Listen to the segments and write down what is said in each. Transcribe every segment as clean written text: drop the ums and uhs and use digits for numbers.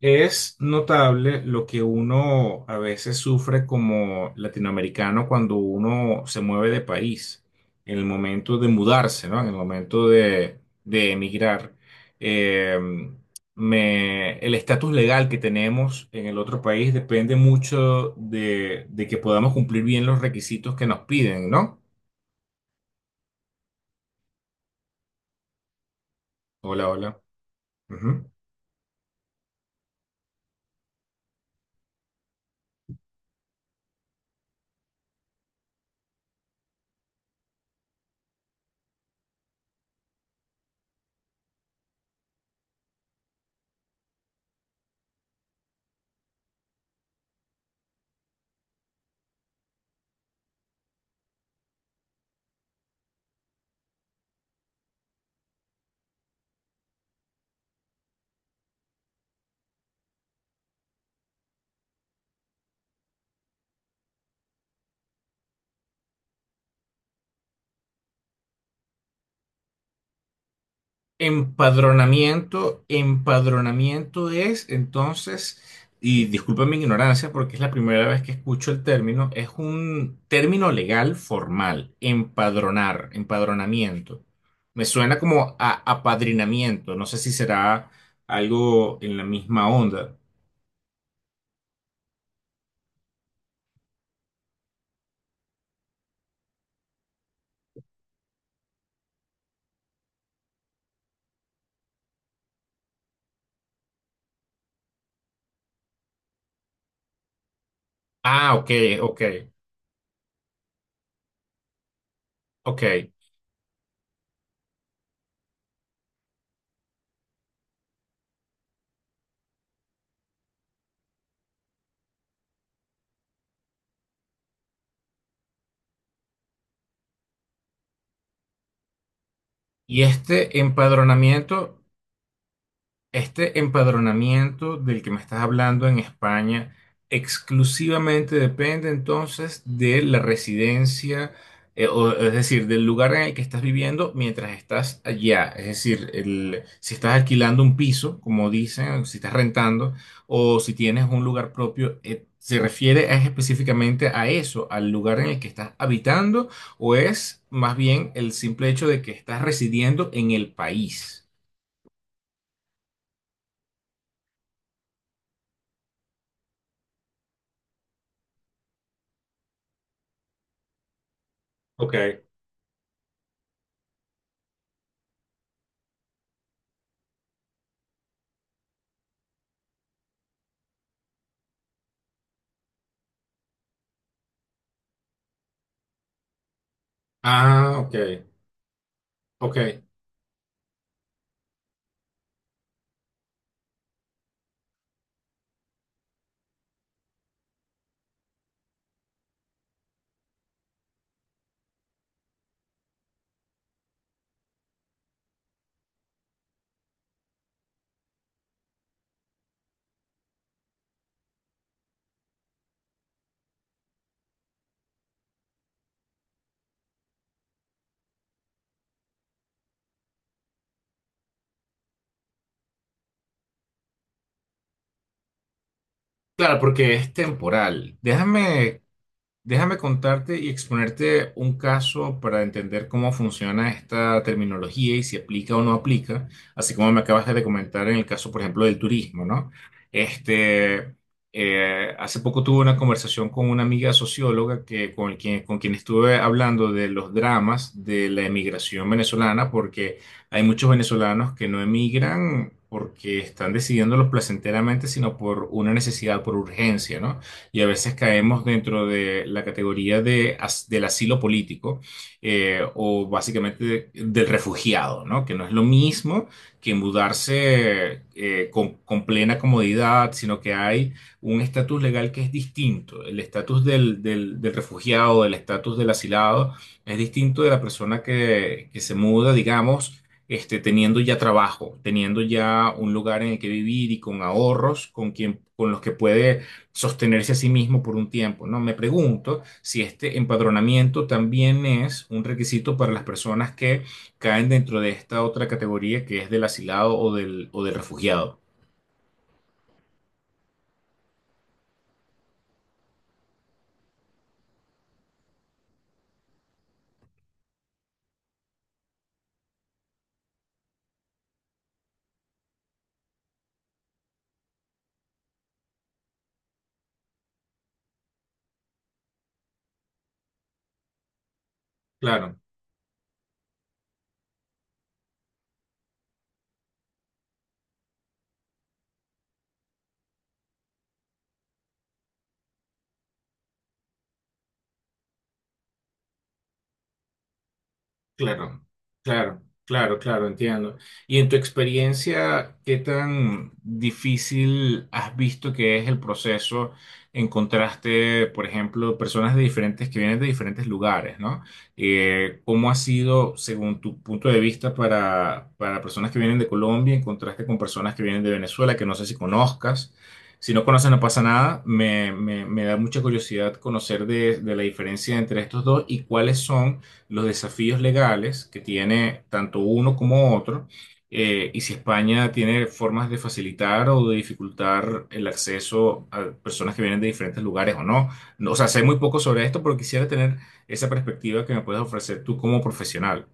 Es notable lo que uno a veces sufre como latinoamericano cuando uno se mueve de país, en el momento de mudarse, ¿no? En el momento de emigrar. Eh, el estatus legal que tenemos en el otro país depende mucho de que podamos cumplir bien los requisitos que nos piden, ¿no? Hola, hola. Ujú. Empadronamiento, empadronamiento es entonces, y disculpen mi ignorancia porque es la primera vez que escucho el término, es un término legal formal, empadronar, empadronamiento. Me suena como a apadrinamiento, no sé si será algo en la misma onda. Ah, ok, ok, ok. Y este empadronamiento, este empadronamiento del que me estás hablando en España exclusivamente depende entonces de la residencia, o, es decir, del lugar en el que estás viviendo mientras estás allá. Es decir, si estás alquilando un piso, como dicen, si estás rentando, o si tienes un lugar propio, ¿se refiere es específicamente a eso, al lugar en el que estás habitando, o es más bien el simple hecho de que estás residiendo en el país? Ok. Ah, ok, ok. Claro, porque es temporal. Déjame contarte y exponerte un caso para entender cómo funciona esta terminología y si aplica o no aplica, así como me acabas de comentar en el caso, por ejemplo, del turismo, ¿no? Este, Hace poco tuve una conversación con una amiga socióloga con quien estuve hablando de los dramas de la emigración venezolana, porque hay muchos venezolanos que no emigran porque están decidiéndolo placenteramente, sino por una necesidad, por urgencia, ¿no? Y a veces caemos dentro de la categoría del asilo político, o básicamente del refugiado, ¿no? Que no es lo mismo que mudarse con plena comodidad, sino que hay un estatus legal que es distinto. El estatus del refugiado, del estatus del asilado, es distinto de la persona que se muda, digamos, teniendo ya trabajo, teniendo ya un lugar en el que vivir y con ahorros con los que puede sostenerse a sí mismo por un tiempo, ¿no? Me pregunto si este empadronamiento también es un requisito para las personas que caen dentro de esta otra categoría que es del asilado o del refugiado. Claro. Claro, claro, entiendo. Y en tu experiencia, ¿qué tan difícil has visto que es el proceso? Encontraste, por ejemplo, personas de diferentes que vienen de diferentes lugares, ¿no? ¿Cómo ha sido, según tu punto de vista, para personas que vienen de Colombia, en contraste con personas que vienen de Venezuela, que no sé si conozcas? Si no conoces, no pasa nada. Me da mucha curiosidad conocer de la diferencia entre estos dos y cuáles son los desafíos legales que tiene tanto uno como otro, y si España tiene formas de facilitar o de dificultar el acceso a personas que vienen de diferentes lugares o no. No, o sea, sé muy poco sobre esto, pero quisiera tener esa perspectiva que me puedes ofrecer tú como profesional.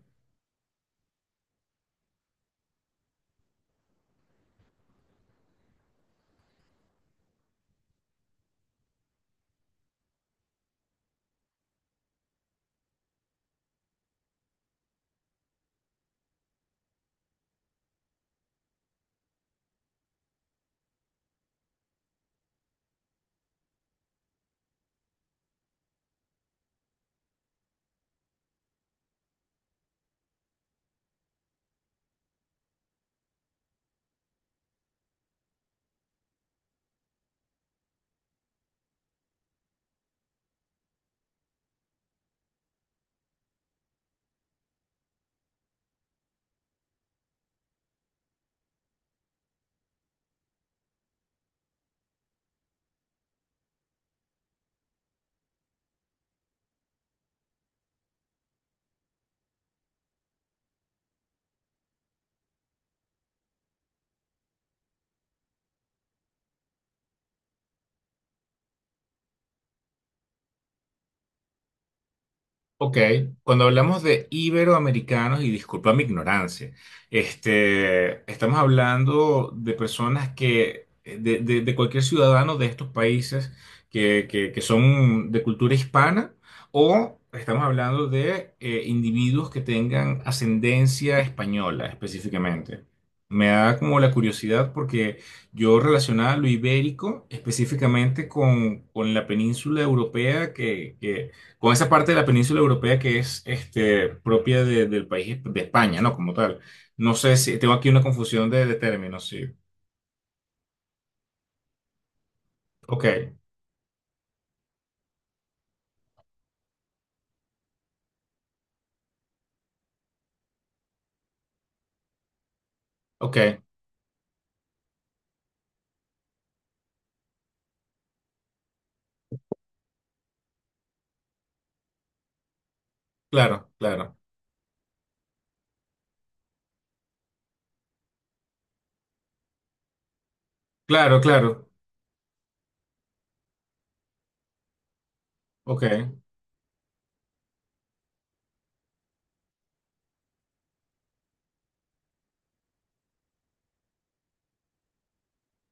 Ok, cuando hablamos de iberoamericanos, y disculpa mi ignorancia, estamos hablando de personas que, de cualquier ciudadano de estos países que son de cultura hispana, o estamos hablando de individuos que tengan ascendencia española específicamente. Me da como la curiosidad porque yo relacionaba lo ibérico específicamente con la península europea, con esa parte de la península europea que es, propia del país de España, ¿no? Como tal. No sé si tengo aquí una confusión de términos, sí. Ok, ok, claro, claro, claro, claro, ok,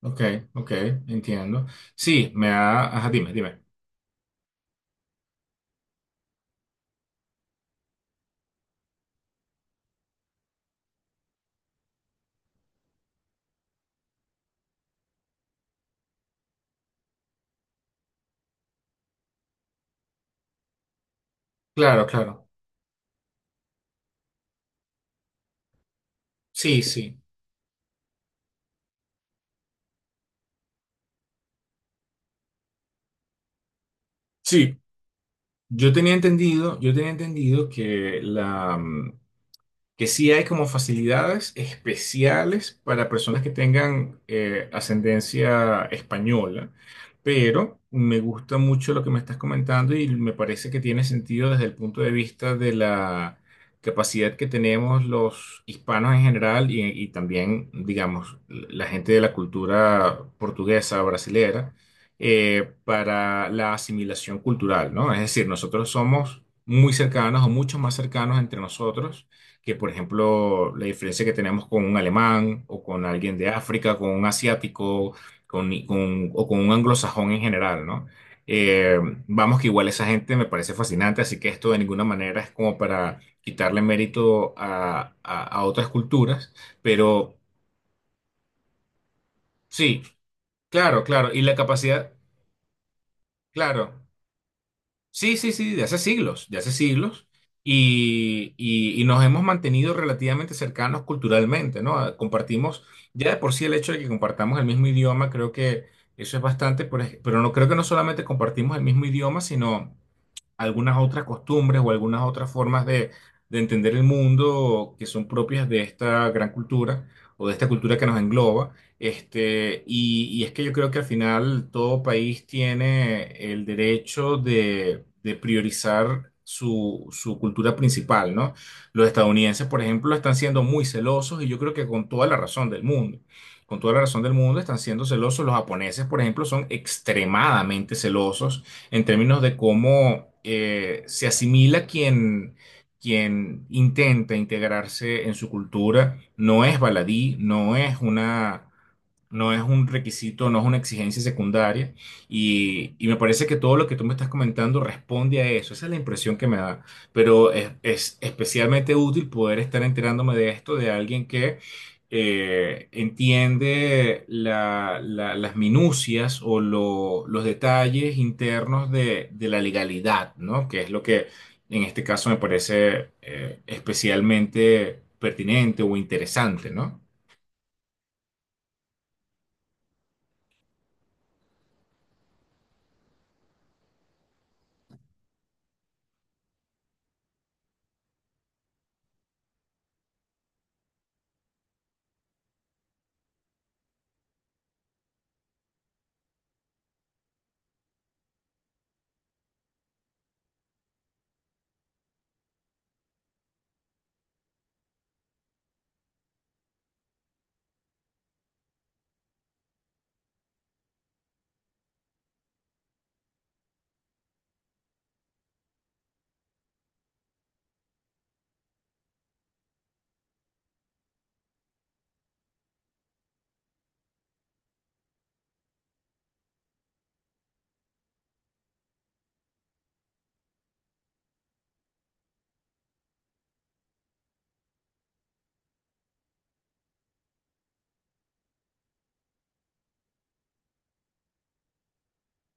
ok, ok, entiendo. Sí, me ha... Ajá, dime, dime. Claro, claro. Sí, sí. Sí, yo tenía entendido que que sí hay como facilidades especiales para personas que tengan ascendencia española, pero me gusta mucho lo que me estás comentando y me parece que tiene sentido desde el punto de vista de la capacidad que tenemos los hispanos en general y también, digamos, la gente de la cultura portuguesa, brasilera, para la asimilación cultural, ¿no? Es decir, nosotros somos muy cercanos o mucho más cercanos entre nosotros que, por ejemplo, la diferencia que tenemos con un alemán o con alguien de África, con un asiático, o con un anglosajón en general, ¿no? Eh, Vamos que igual esa gente me parece fascinante, así que esto de ninguna manera es como para quitarle mérito a otras culturas, pero sí, claro, claro, y la capacidad, claro. Sí, sí, sí, de hace siglos, de hace siglos. Y nos hemos mantenido relativamente cercanos culturalmente, ¿no? Ah, compartimos, ya de por sí el hecho de que compartamos el mismo idioma, creo que eso es bastante, pero no creo que no solamente compartimos el mismo idioma, sino algunas otras costumbres o algunas otras formas de entender el mundo que son propias de esta gran cultura o de esta cultura que nos engloba. Y es que yo creo que al final todo país tiene el derecho de priorizar su, su cultura principal, ¿no? Los estadounidenses, por ejemplo, están siendo muy celosos y yo creo que con toda la razón del mundo. Con toda la razón del mundo están siendo celosos. Los japoneses, por ejemplo, son extremadamente celosos en términos de cómo se asimila quien, quien intenta integrarse en su cultura. No es baladí, no es un requisito, no es una exigencia secundaria, y me parece que todo lo que tú me estás comentando responde a eso, esa es la impresión que me da, pero es especialmente útil poder estar enterándome de esto de alguien que entiende las minucias o los detalles internos de la legalidad, ¿no? Que es lo que en este caso me parece especialmente pertinente o interesante, ¿no?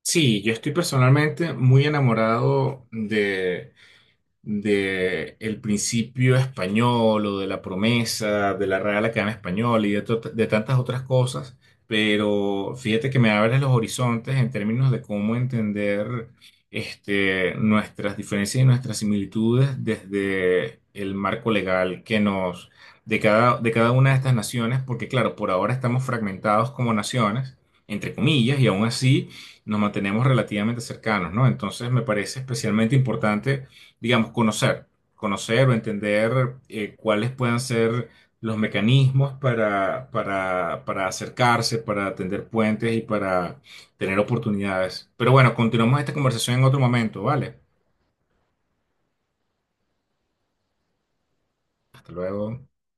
Sí, yo estoy personalmente muy enamorado de el principio español o de la promesa, de la Real Academia Española y de, de tantas otras cosas, pero fíjate que me abres los horizontes en términos de cómo entender, nuestras diferencias y nuestras similitudes desde el marco legal que nos, de cada una de estas naciones, porque claro, por ahora estamos fragmentados como naciones, entre comillas, y aún así nos mantenemos relativamente cercanos, ¿no? Entonces me parece especialmente importante, digamos, conocer, conocer o entender cuáles puedan ser los mecanismos para acercarse, para tender puentes y para tener oportunidades. Pero bueno, continuamos esta conversación en otro momento, ¿vale? Hasta luego.